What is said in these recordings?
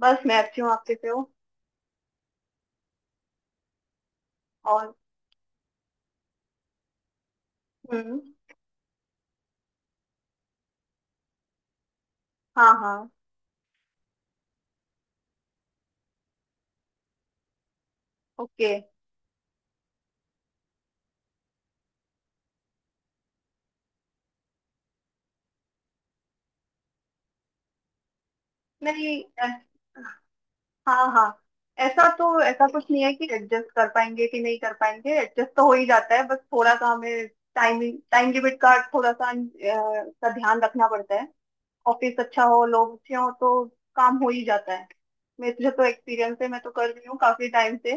बस मैं अच्छी हूँ, आप कैसे हो। और। हम्म। हाँ हाँ। ओके। नहीं। ऐस- हाँ हाँ। ऐसा तो ऐसा कुछ नहीं है कि एडजस्ट कर पाएंगे कि नहीं कर पाएंगे, एडजस्ट तो हो ही जाता है, बस थोड़ा सा हमें टाइम, टाइम लिमिट का थोड़ा सा का ध्यान रखना पड़ता है। ऑफिस अच्छा हो, लोग अच्छे हो तो काम हो ही जाता है। मेरे तो एक्सपीरियंस है, मैं तो कर रही हूँ काफी टाइम से,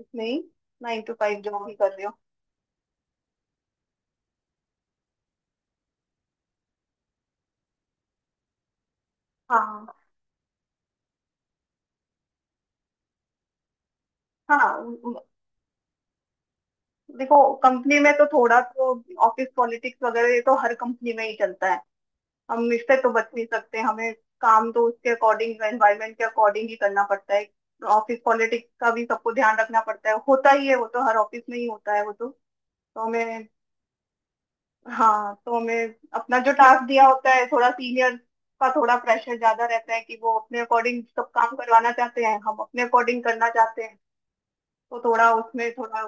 इसमें ही 9 टू 5 जॉब ही कर रही हूँ। हाँ हाँ हाँ, देखो कंपनी में तो थोड़ा तो ऑफिस पॉलिटिक्स वगैरह ये तो हर कंपनी में ही चलता है। हम इससे तो बच नहीं सकते, हमें काम तो उसके अकॉर्डिंग, एनवायरमेंट के अकॉर्डिंग ही करना पड़ता है। ऑफिस पॉलिटिक्स का भी सबको ध्यान रखना पड़ता है, होता ही है वो तो, हर ऑफिस में ही होता है वो तो। तो हमें, हाँ तो हमें अपना जो टास्क दिया होता है, थोड़ा सीनियर का थोड़ा प्रेशर ज्यादा रहता है कि वो अपने अकॉर्डिंग सब काम करवाना चाहते हैं, हम अपने अकॉर्डिंग करना चाहते हैं। तो थोड़ा उसमें थोड़ा।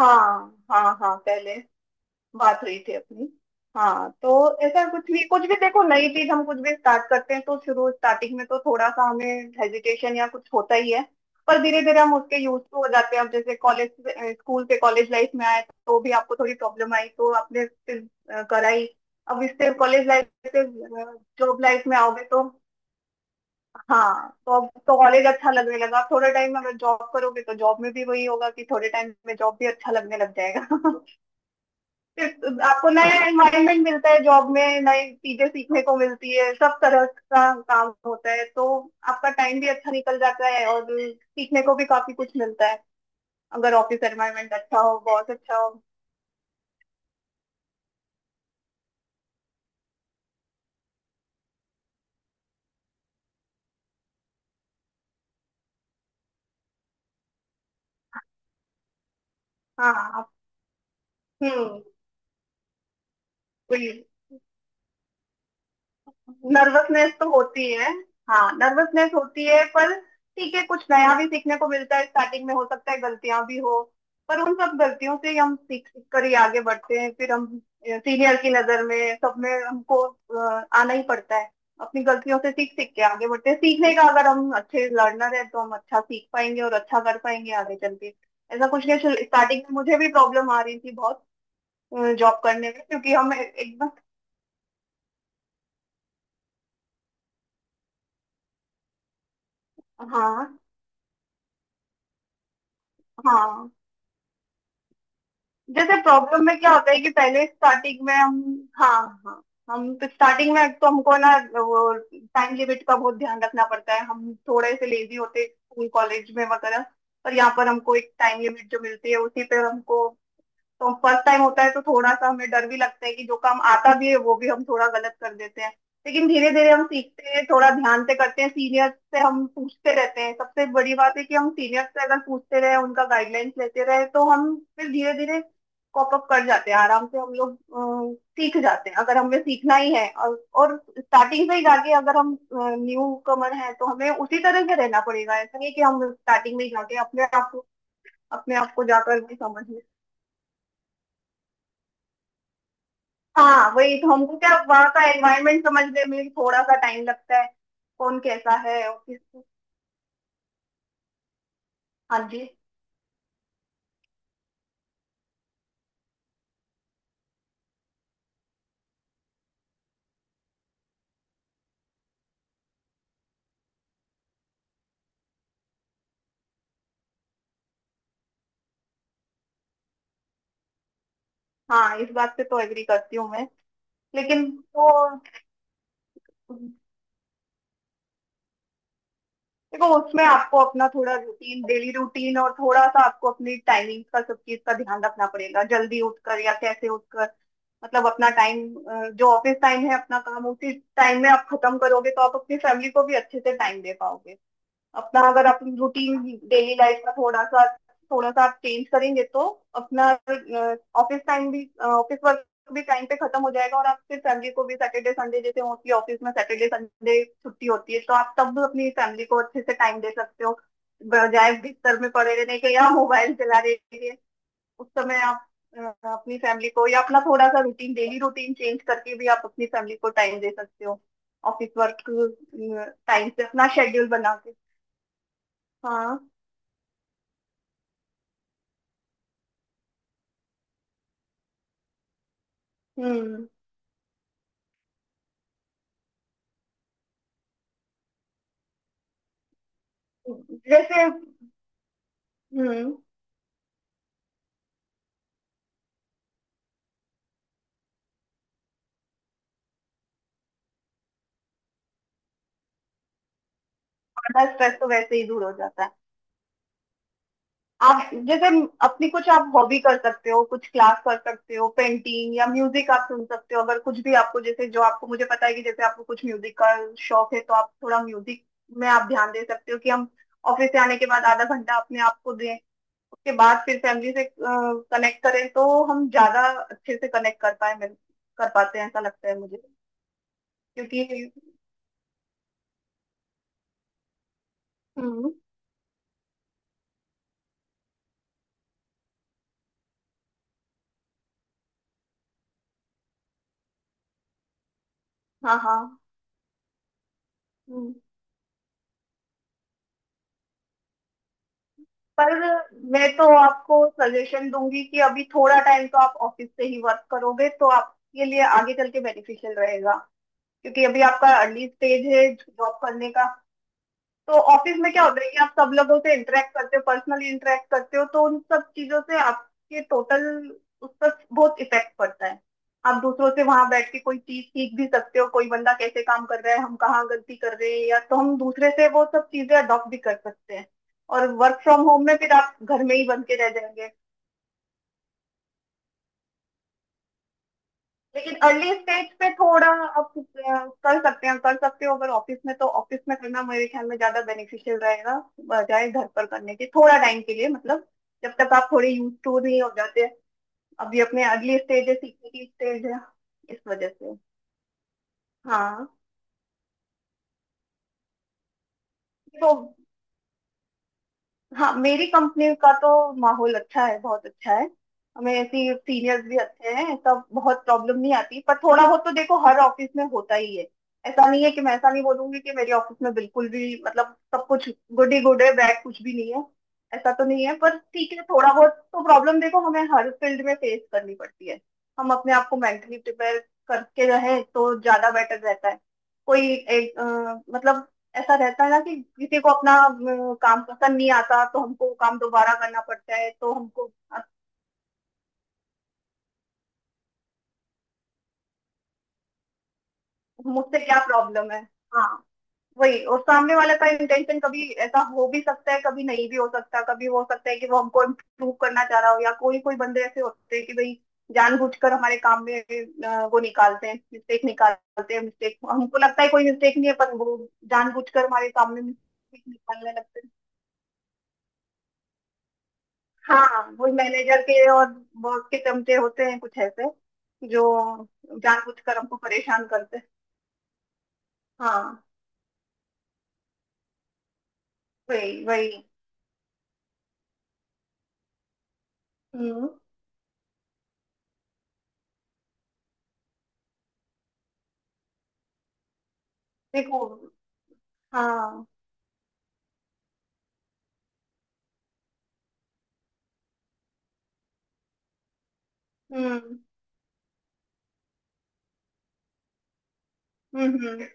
हाँ हाँ हाँ, पहले बात हुई थी अपनी। हाँ तो ऐसा कुछ भी, कुछ भी देखो, नई चीज हम कुछ भी स्टार्ट करते हैं तो शुरू स्टार्टिंग में तो थोड़ा सा हमें हेजिटेशन या कुछ होता ही है। पर धीरे धीरे हम उसके यूज टू हो जाते हैं। अब जैसे कॉलेज, स्कूल से कॉलेज लाइफ में आए तो भी आपको थोड़ी प्रॉब्लम आई तो आपने फिर कराई। अब इससे कॉलेज लाइफ से जॉब लाइफ में आओगे तो, हाँ तो अब तो कॉलेज अच्छा लगने लगा, थोड़े टाइम में अगर जॉब करोगे तो जॉब में भी वही होगा कि थोड़े टाइम में जॉब भी अच्छा लगने लग जाएगा आपको नया एनवायरनमेंट मिलता है जॉब में, नई चीजें सीखने को मिलती है, सब तरह का काम होता है, तो आपका टाइम भी अच्छा निकल जाता है और सीखने को भी काफी कुछ मिलता है, अगर ऑफिस एनवायरनमेंट अच्छा हो, बॉस अच्छा हो। हाँ। आप- हम्म। वही। नर्वसनेस तो होती है, हाँ नर्वसनेस होती है, पर ठीक है, कुछ नया भी सीखने को मिलता है। स्टार्टिंग में हो सकता है गलतियां भी हो, पर उन सब गलतियों से ही हम सीख सीख कर ही आगे बढ़ते हैं। फिर हम सीनियर की नजर में, सब में हमको आना ही पड़ता है। अपनी गलतियों से सीख सीख के आगे बढ़ते हैं, सीखने का अगर हम अच्छे लर्नर है तो हम अच्छा सीख पाएंगे और अच्छा कर पाएंगे आगे चल के। ऐसा कुछ नहीं, स्टार्टिंग में मुझे भी प्रॉब्लम आ रही थी बहुत जॉब करने में क्योंकि हम एकदम। हाँ हाँ। जैसे प्रॉब्लम में क्या होता है कि पहले स्टार्टिंग में हम, हाँ हाँ, हम तो स्टार्टिंग में एक तो हमको ना वो टाइम लिमिट का बहुत ध्यान रखना पड़ता है। हम थोड़े से लेजी होते स्कूल कॉलेज में वगैरह, पर यहाँ पर हमको एक टाइम लिमिट जो मिलती है उसी पे हमको। तो फर्स्ट टाइम होता है तो थोड़ा सा हमें डर भी लगता है कि जो काम आता भी है वो भी हम थोड़ा गलत कर देते हैं। लेकिन धीरे धीरे हम सीखते हैं, थोड़ा ध्यान से करते हैं, सीनियर से हम पूछते रहते हैं। सबसे बड़ी बात है कि हम सीनियर से अगर पूछते रहे, उनका गाइडलाइंस लेते रहे तो हम फिर धीरे धीरे कॉप अप कर जाते हैं आराम से, हम लोग सीख जाते हैं अगर हमें सीखना ही है। और स्टार्टिंग से ही जाके अगर हम न्यू कमर हैं तो हमें उसी तरह से रहना पड़ेगा। ऐसा नहीं कि हम स्टार्टिंग में ही जाके अपने आप को, अपने आप को जाकर भी समझ लें। हाँ वही तो, हमको क्या वहाँ का एनवायरनमेंट समझने में भी थोड़ा सा टाइम लगता है, कौन कैसा है और किस। हाँ जी। हाँ, इस बात से तो एग्री करती हूँ मैं, लेकिन वो, देखो उसमें आपको अपना थोड़ा रूटीन, डेली रूटीन और थोड़ा सा आपको अपनी टाइमिंग का सब चीज का ध्यान रखना पड़ेगा, जल्दी उठकर या कैसे उठकर, मतलब अपना टाइम जो ऑफिस टाइम है, अपना काम उसी टाइम में आप खत्म करोगे तो आप अपनी फैमिली को भी अच्छे से टाइम दे पाओगे। अपना अगर अपन रूटीन डेली लाइफ का थोड़ा सा, थोड़ा सा आप चेंज करेंगे तो अपना ऑफिस टाइम भी, ऑफिस वर्क भी टाइम पे खत्म हो जाएगा और आप फिर फैमिली को भी सैटरडे संडे, जैसे मोस्टली ऑफिस में सैटरडे संडे छुट्टी होती है तो आप तब अपनी फैमिली को अच्छे से टाइम दे सकते हो, बजाय बिस्तर में पड़े रहने के या मोबाइल चलाने के। उस समय आप अपनी फैमिली को, या अपना थोड़ा सा रूटीन, डेली रूटीन चेंज करके भी आप अपनी फैमिली को टाइम दे सकते हो। ऑफिस वर्क टाइम से अपना शेड्यूल बना के। हाँ। हम्म। जैसे। हम्म। आधा स्ट्रेस तो वैसे ही दूर हो जाता है। आप जैसे अपनी कुछ आप हॉबी कर सकते हो, कुछ क्लास कर सकते हो, पेंटिंग या म्यूजिक आप सुन सकते हो, अगर कुछ भी आपको, जैसे जो आपको, मुझे पता है कि जैसे आपको कुछ म्यूजिक का शौक है तो आप थोड़ा म्यूजिक में आप ध्यान दे सकते हो, कि हम ऑफिस से आने के बाद आधा घंटा अपने आप को दें, उसके बाद फिर फैमिली से कनेक्ट करें तो हम ज्यादा अच्छे से कनेक्ट कर पाए, कर पाते हैं, ऐसा लगता है मुझे। क्योंकि। हम्म। हाँ हाँ। हम्म। पर मैं तो आपको सजेशन दूंगी कि अभी थोड़ा टाइम तो आप ऑफिस से ही वर्क करोगे तो आपके लिए आगे चल के बेनिफिशियल रहेगा। क्योंकि अभी आपका अर्ली स्टेज है जॉब करने का, तो ऑफिस में क्या होता है कि आप सब लोगों से इंटरेक्ट करते हो, पर्सनली इंटरेक्ट करते हो, तो उन सब चीजों से आपके टोटल, उस पर बहुत इफेक्ट पड़ता है। आप दूसरों से वहां बैठ के कोई चीज सीख भी सकते हो, कोई बंदा कैसे काम कर रहा है, हम कहाँ गलती कर रहे हैं, या तो हम दूसरे से वो सब चीजें अडॉप्ट भी कर सकते हैं। और वर्क फ्रॉम होम में फिर आप घर में ही बन के रह जाएंगे। लेकिन अर्ली स्टेज पे थोड़ा आप कर सकते हैं, कर सकते हो अगर ऑफिस में, तो ऑफिस में करना मेरे ख्याल में ज्यादा बेनिफिशियल रहेगा, बजाय घर पर करने के, थोड़ा टाइम के लिए, मतलब जब तक आप थोड़े यूज टू नहीं हो जाते। अभी अपने अर्ली स्टेज है, सीखने की स्टेज है इस वजह से। हाँ। तो, हाँ मेरी कंपनी का तो माहौल अच्छा है, बहुत अच्छा है, हमें ऐसी सीनियर्स भी अच्छे हैं, सब, बहुत प्रॉब्लम नहीं आती, पर थोड़ा बहुत तो देखो हर ऑफिस में होता ही है। ऐसा नहीं है कि मैं ऐसा नहीं बोलूंगी कि मेरे ऑफिस में बिल्कुल भी मतलब सब कुछ गुड ही गुड है, बैड कुछ भी नहीं है, ऐसा तो नहीं है, पर ठीक है, थोड़ा बहुत तो प्रॉब्लम देखो हमें हर फील्ड में फेस करनी पड़ती है। हम अपने आप को मेंटली प्रिपेयर करके रहे तो ज्यादा बेटर रहता है। कोई एक मतलब ऐसा रहता है ना कि किसी को अपना काम पसंद नहीं आता तो हमको वो काम दोबारा करना पड़ता है, तो हमको अ, मुझसे क्या प्रॉब्लम है। हाँ वही, और सामने वाले का इंटेंशन कभी ऐसा हो भी सकता है, कभी नहीं भी हो सकता, कभी हो सकता है कि वो हमको इम्प्रूव करना चाह रहा हो, या कोई कोई बंदे ऐसे होते हैं कि भाई जानबूझकर हमारे काम में वो निकालते हैं मिस्टेक, निकालते हैं मिस्टेक, हमको लगता है कोई मिस्टेक नहीं है पर वो जानबूझकर हमारे काम में मिस्टेक निकालने लगते हैं। हाँ। वो मैनेजर के और बॉस के चमचे होते हैं कुछ ऐसे जो जानबूझकर हमको परेशान करते हैं। हाँ वही वही। हम्म। देखो। हाँ। हम्म हम्म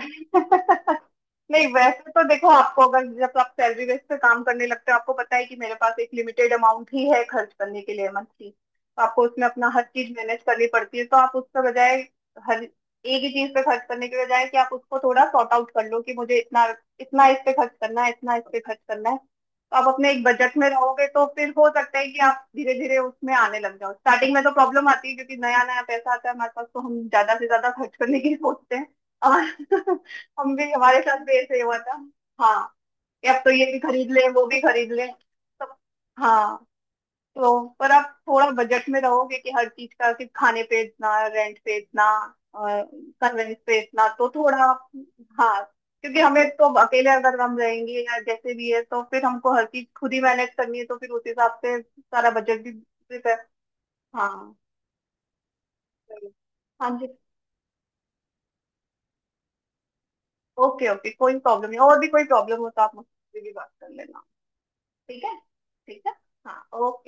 हम्म। नहीं, वैसे तो देखो आपको अगर जब आप सैलरी बेस पे काम करने लगते हो, आपको पता है कि मेरे पास एक लिमिटेड अमाउंट ही है खर्च करने के लिए मंथली, तो आपको उसमें अपना हर चीज मैनेज करनी पड़ती है, तो आप उसके बजाय हर एक ही चीज पे खर्च करने के बजाय, कि आप उसको थोड़ा सॉर्ट आउट कर लो कि मुझे इतना, इतना इस पे खर्च करना है, इतना इस पे खर्च करना है, तो आप अपने एक बजट में रहोगे तो फिर हो सकता है कि आप धीरे धीरे उसमें आने लग जाओ। स्टार्टिंग में तो प्रॉब्लम आती है क्योंकि नया नया पैसा आता है हमारे पास तो हम ज्यादा से ज्यादा खर्च करने की सोचते हैं और हम भी, हमारे साथ भी ऐसे ही हुआ था। हाँ, कि अब तो ये भी खरीद लें वो भी खरीद लें तो। हाँ। तो पर आप थोड़ा बजट में रहोगे कि हर चीज का, सिर्फ खाने पे इतना, रेंट पे इतना, कन्वेंस पे इतना, तो थोड़ा हाँ, क्योंकि हमें तो अब अकेले अगर हम रहेंगे या जैसे भी है तो फिर हमको हर चीज खुद ही मैनेज करनी है, तो फिर उस हिसाब से सारा बजट भी prepare- हाँ। चलो। हाँ जी। ओके ओके, कोई प्रॉब्लम नहीं, और भी कोई प्रॉब्लम हो तो आप मुझसे भी बात कर लेना। ठीक है, ठीक है। हाँ ओके।